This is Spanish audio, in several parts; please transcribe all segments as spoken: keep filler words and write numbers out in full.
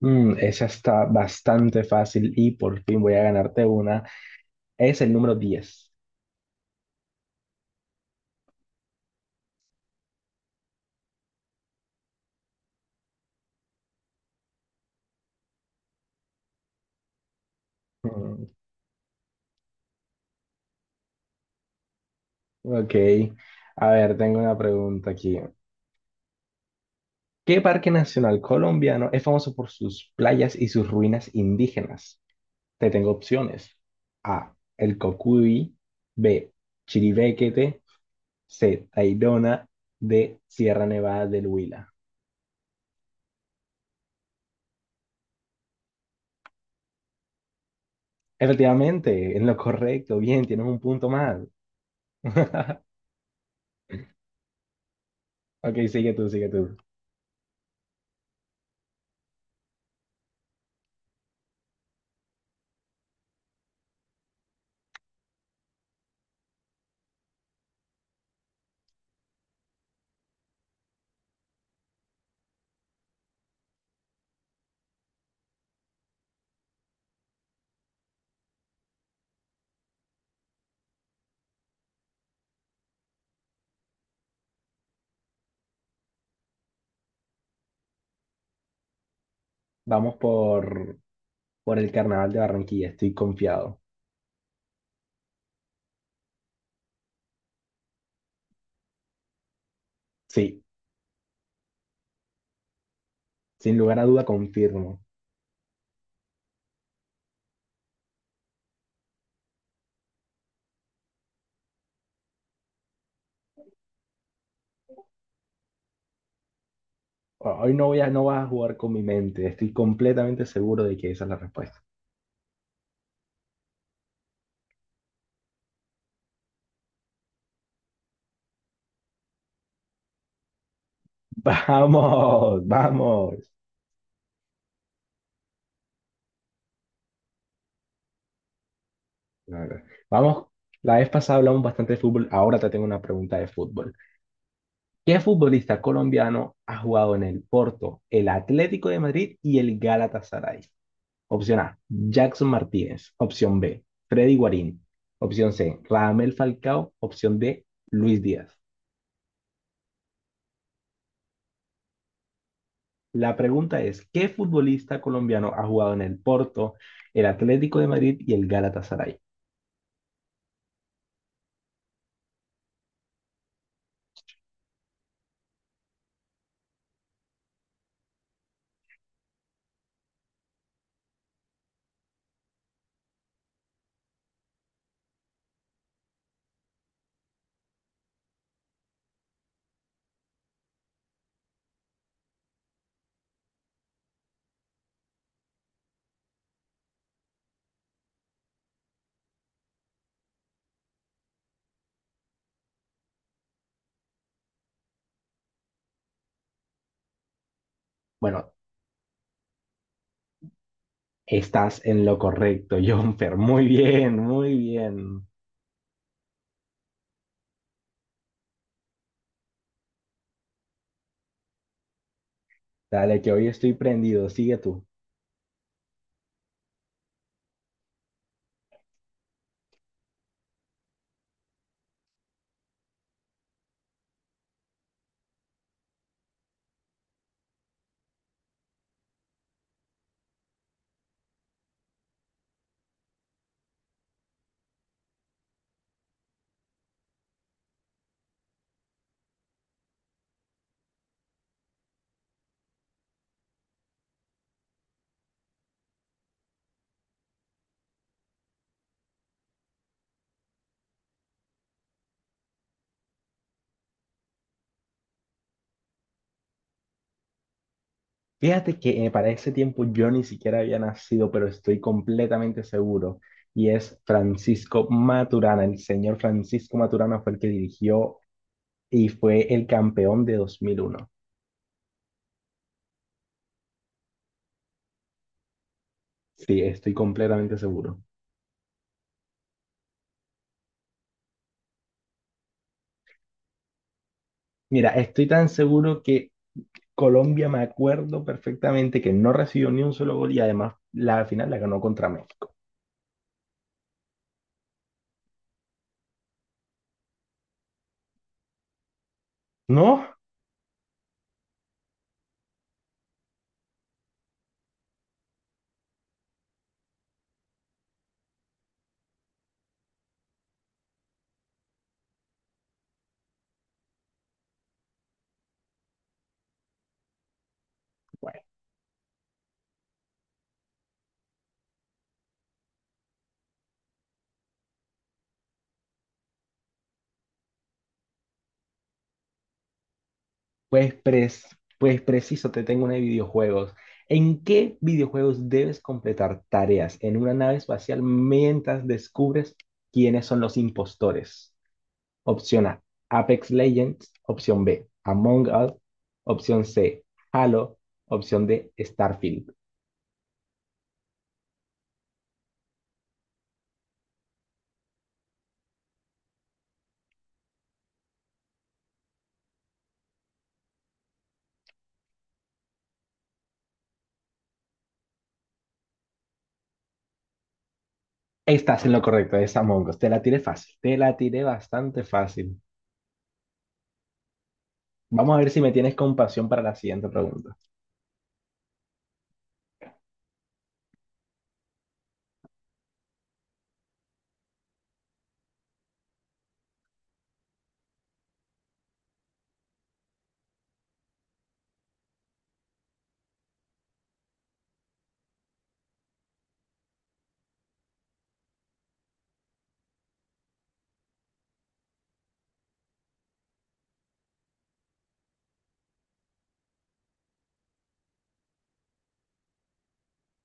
Mm, esa está bastante fácil y por fin voy a ganarte una. Es el número diez. Mm, ok. A ver, tengo una pregunta aquí. ¿Qué parque nacional colombiano es famoso por sus playas y sus ruinas indígenas? Te tengo opciones. A. El Cocuy. B. Chiribiquete. C. Tayrona. D. Sierra Nevada del Huila. Efectivamente, es lo correcto. Bien, tienes un punto más. Ok, sigue tú, sigue tú. Vamos por, por el Carnaval de Barranquilla, estoy confiado. Sí, sin lugar a duda confirmo. Hoy no voy a, no vas a jugar con mi mente, estoy completamente seguro de que esa es la respuesta. Vamos, vamos. No, no. Vamos, la vez pasada hablamos bastante de fútbol, ahora te tengo una pregunta de fútbol. ¿Qué futbolista colombiano ha jugado en el Porto, el Atlético de Madrid y el Galatasaray? Opción A, Jackson Martínez. Opción B, Freddy Guarín. Opción C, Radamel Falcao. Opción D, Luis Díaz. La pregunta es, ¿qué futbolista colombiano ha jugado en el Porto, el Atlético de Madrid y el Galatasaray? Bueno, estás en lo correcto, Jonfer. Muy bien, muy bien. Dale, que hoy estoy prendido. Sigue tú. Fíjate que eh, para ese tiempo yo ni siquiera había nacido, pero estoy completamente seguro. Y es Francisco Maturana. El señor Francisco Maturana fue el que dirigió y fue el campeón de dos mil uno. Sí, estoy completamente seguro. Mira, estoy tan seguro que Colombia, me acuerdo perfectamente que no recibió ni un solo gol y además la final la ganó contra México. ¿No? Bueno. Pues, pres- pues preciso, te tengo una de videojuegos. ¿En qué videojuegos debes completar tareas en una nave espacial mientras descubres quiénes son los impostores? Opción A, Apex Legends. Opción B, Among Us. Opción C, Halo. Opción D, Starfield. Estás en lo correcto, es Among Us. Te la tiré fácil, te la tiré bastante fácil. Vamos a ver si me tienes compasión para la siguiente pregunta.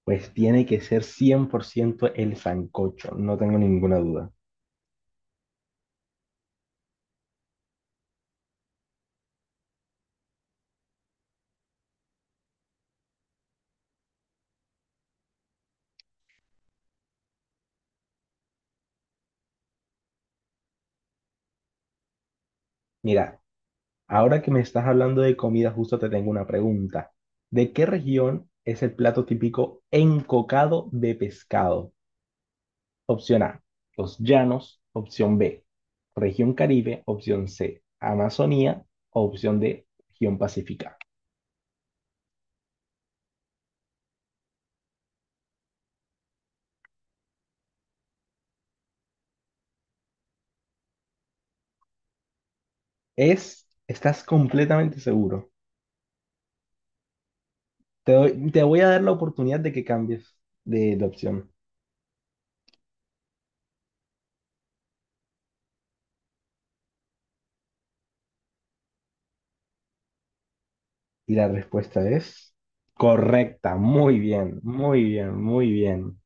Pues tiene que ser cien por ciento el sancocho, no tengo ninguna duda. Mira, ahora que me estás hablando de comida, justo te tengo una pregunta. ¿De qué región es el plato típico encocado de pescado? Opción A, los llanos. Opción B, región Caribe. Opción C, Amazonía. Opción D, región Pacífica. Es, estás completamente seguro. Te doy- te voy a dar la oportunidad de que cambies de, de opción. Y la respuesta es correcta. Muy bien, muy bien, muy bien.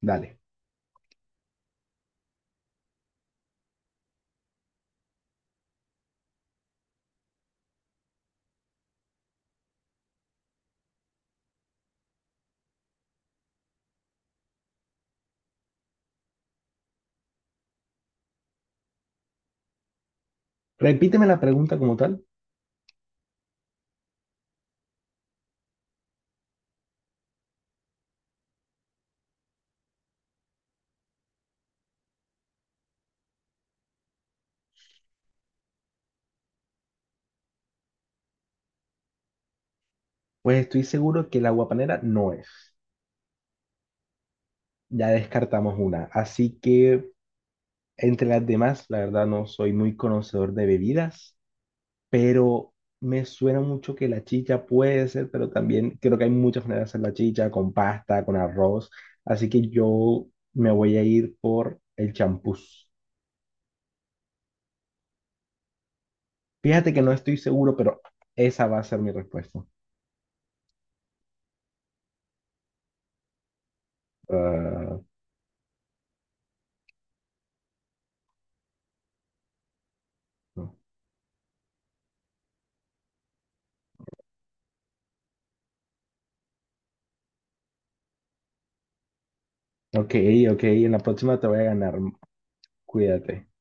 Dale. Repíteme la pregunta como tal, pues estoy seguro que la guapanera no es. Ya descartamos una, así que entre las demás, la verdad no soy muy conocedor de bebidas, pero me suena mucho que la chicha puede ser, pero también creo que hay muchas maneras de hacer la chicha, con pasta, con arroz, así que yo me voy a ir por el champús. Fíjate que no estoy seguro, pero esa va a ser mi respuesta. Ah, no. Ok, ok, en la próxima te voy a ganar, cuídate.